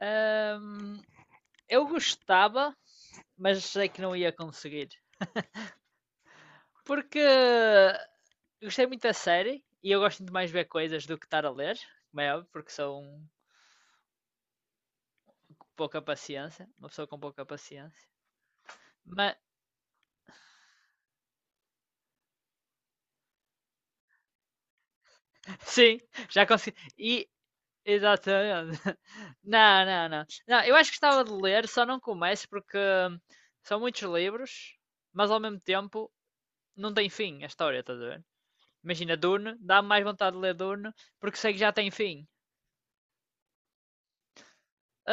Ahm, eu gostava, mas sei que não ia conseguir. Porque gostei muito da série e eu gosto muito mais de ver coisas do que estar a ler, como é óbvio, porque sou um com pouca paciência, uma pessoa com pouca paciência. Mas sim, já consegui. E exatamente. Não, não, não. Não, eu acho que gostava de ler, só não começo porque são muitos livros, mas ao mesmo tempo não tem fim a história, estás a ver? Imagina, Dune, dá mais vontade de ler Dune, porque sei que já tem fim.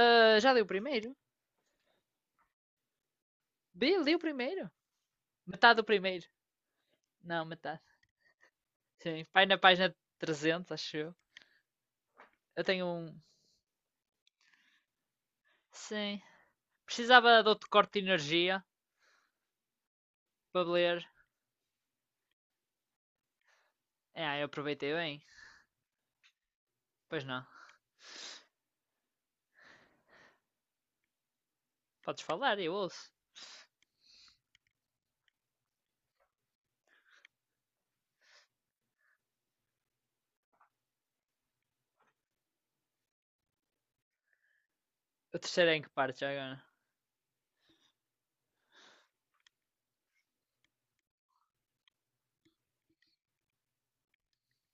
Ah, já li o primeiro? Bi, li o primeiro. Metade do primeiro. Não, metade. Sim, vai na página 300, acho eu. Eu tenho um... Sim. Precisava de outro corte de energia para ler. Ah, eu aproveitei bem. Pois não. Podes falar, eu ouço. O terceiro é em que parte já agora?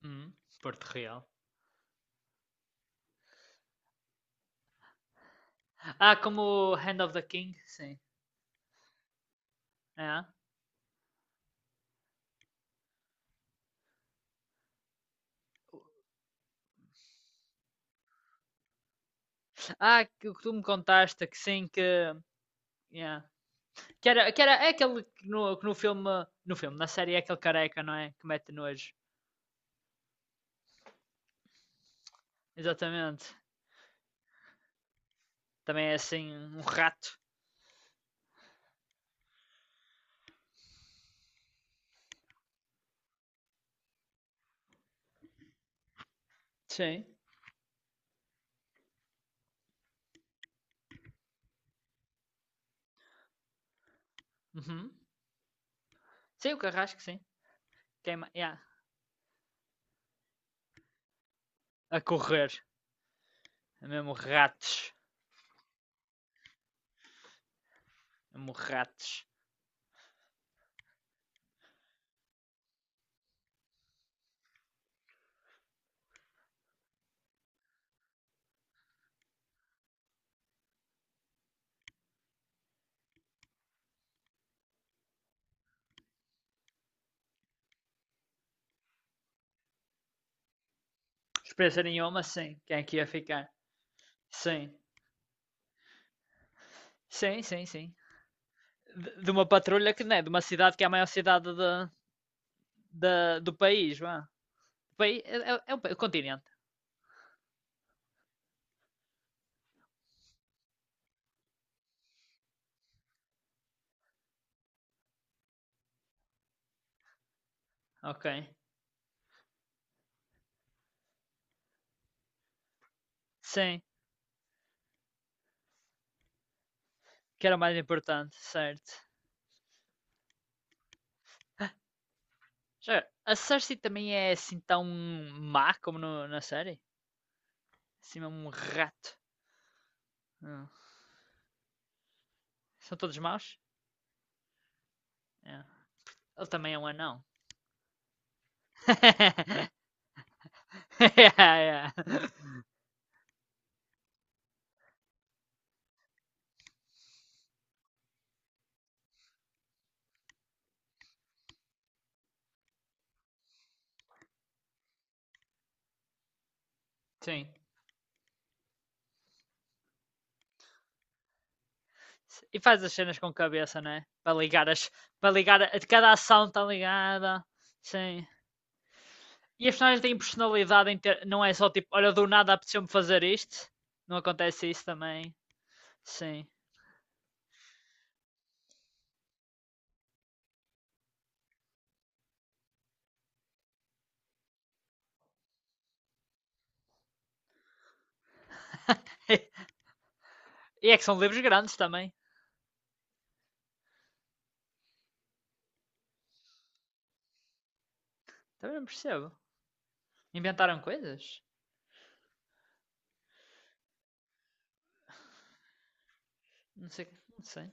Hum, Porto Real. Ah, como Hand of the King, sim. Ah, ah que o ah, que tu me contaste, que sim, que... Yeah. Que era é aquele que no filme, no filme, na série é aquele careca, não é? Que mete nojo. Exatamente. Também é assim, um rato. Sim. Uhum. Sim, o carrasco, sim. Queima, yeah. A correr. É mesmo ratos. É mesmo ratos. Experiência nenhuma, sim. Quem é que ia ficar? Sim. Sim, sim, sim. De uma patrulha que, não é De uma cidade que é a maior cidade da da- do país, vá. País é, é- é o, continente. Ok. Sim. Que era mais importante, certo. Já, a Cersei também é assim tão má como no- na série? Assim, é um rato. Ah, são todos maus? É. Ele também é um anão. Yeah, yeah. Sim. E faz as cenas com cabeça, né? Para ligar as. Para ligar. A... Cada ação está ligada. Sim. E as personagens têm personalidade. Em ter... Não é só tipo, olha, do nada apeteceu-me fazer isto. Não acontece isso também. Sim. e é que são livros grandes também. Também não percebo. Inventaram coisas? Não sei, não sei.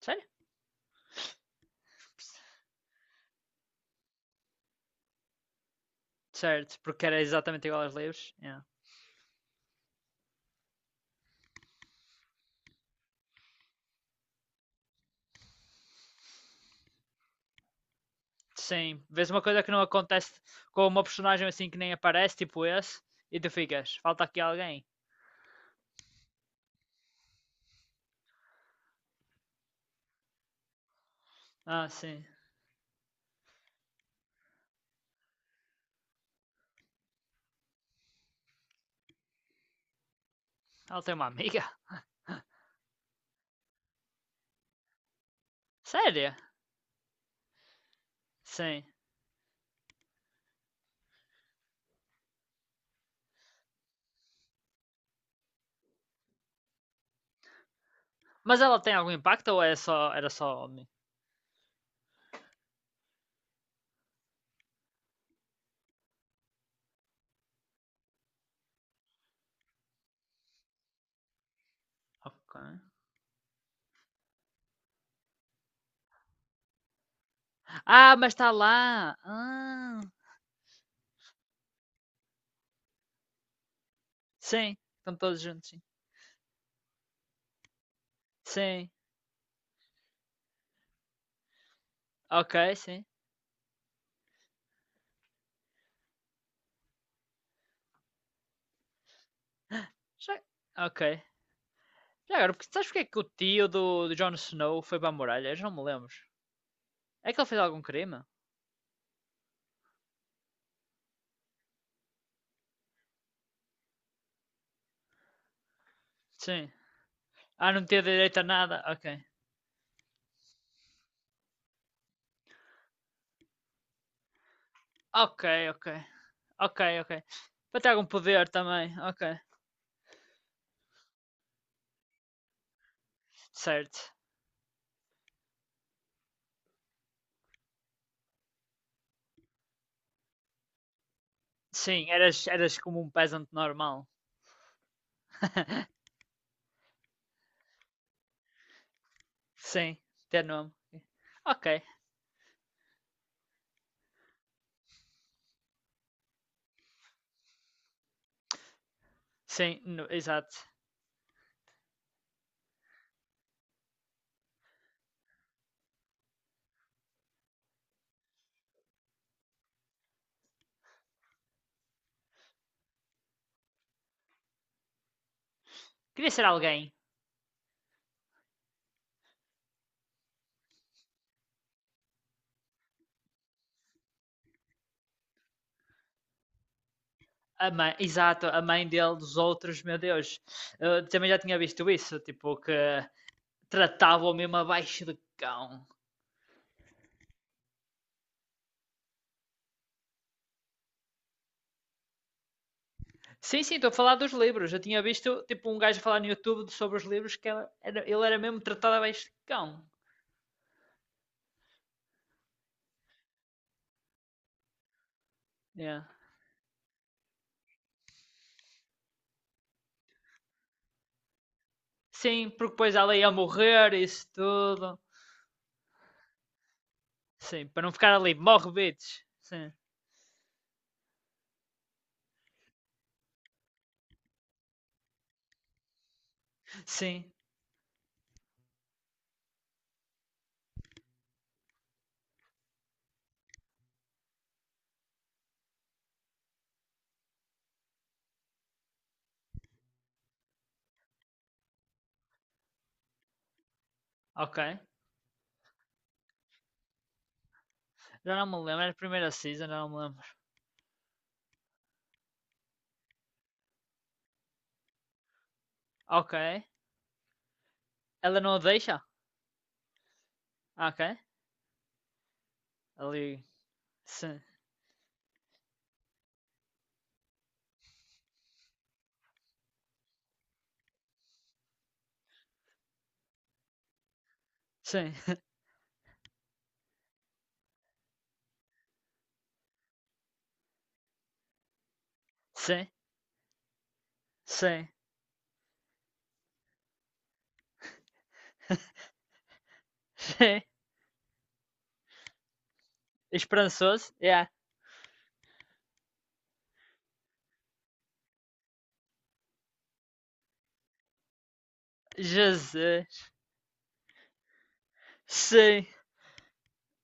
Sério? Certo, porque era exatamente igual aos livros. Yeah. Sim, vês uma coisa que não acontece com uma personagem assim que nem aparece, tipo esse, e tu ficas, falta aqui alguém. Ah, sim. Ela tem uma amiga? Sério? Sim. Mas ela tem algum impacto ou é só, era só homem? Ok. Ah, mas está lá! Ah, sim, estão todos juntos, sim. Sim, ok, sim. Já... Ok. Já agora, porque sabes porque é que o tio do, do Jon Snow foi para a muralha? Eu já não me lembro. É que ele fez algum crime? Sim. Ah, não tinha direito a nada? Ok. Ok, ok. Ok, ok. Para ter algum poder também. Ok. Certo. Sim, eras, eras como um peasant normal. Sim, ter nome. Ok. Sim, no- exato. Queria ser alguém. A mãe, exato, a mãe dele, dos outros, meu Deus. Eu também já tinha visto isso, tipo, que tratavam mesmo abaixo de cão. Sim, sim, estou a falar dos livros. Eu tinha visto tipo um gajo a falar no YouTube de- sobre os livros que ela- era- ele era mesmo tratado a beijão. Yeah. Sim, porque depois ela ia morrer, isso tudo. Sim, para não ficar ali, morre, bitch. Sim, sim, ok. Já não me lembro, era a primeira season, já não me lembro. Ok. Ela não a deixa? Ah, ok. Ali. Sim, sim, sim, sim, sim. Esperançoso? Yeah. Jesus. Sim.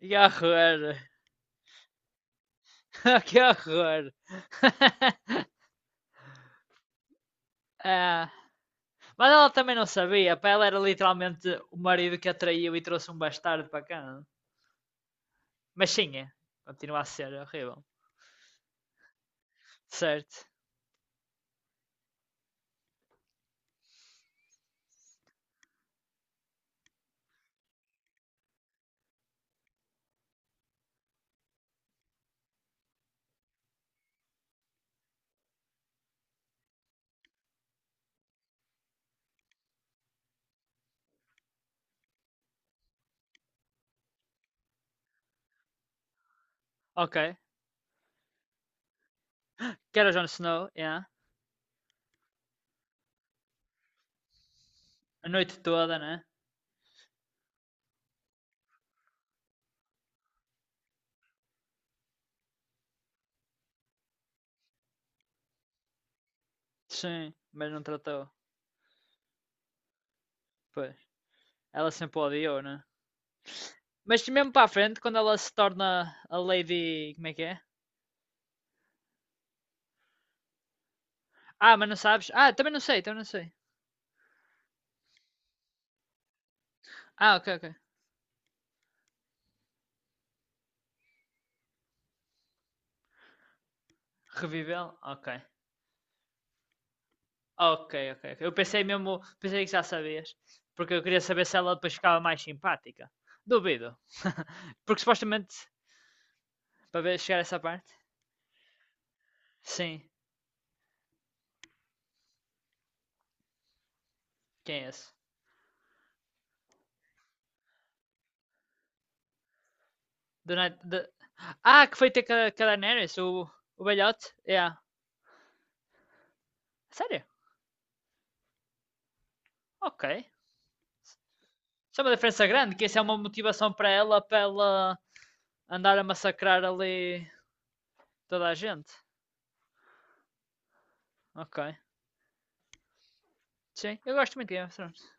E horror. Que horror! Ah, mas ela também não sabia, para ela era literalmente o marido que a traiu e trouxe um bastardo para cá. Não? Mas sim, é. Continua a ser horrível. Certo. Ok. Que era o Jon Snow, yeah. A noite toda, né? Sim, mas não tratou. Pois. Ela sempre odiou, né? Mas mesmo para a frente, quando ela se torna a Lady. Como é que é? Ah, mas não sabes? Ah, também não sei, também não sei. Ah, ok, ok. Reviveu? Ok. Ok, ok, ok. Eu pensei mesmo, pensei que já sabias, porque eu queria saber se ela depois ficava mais simpática. Duvido. Porque supostamente, para ver chegar a essa parte. Sim, quem é esse? Do Night- do- Ah, que foi ter com a Daenerys, o velhote? Yeah. Sério? Ok. Isso é uma diferença grande, que isso é uma motivação para ela andar a massacrar ali toda a gente. Ok. Sim, eu gosto muito de Game of Thrones.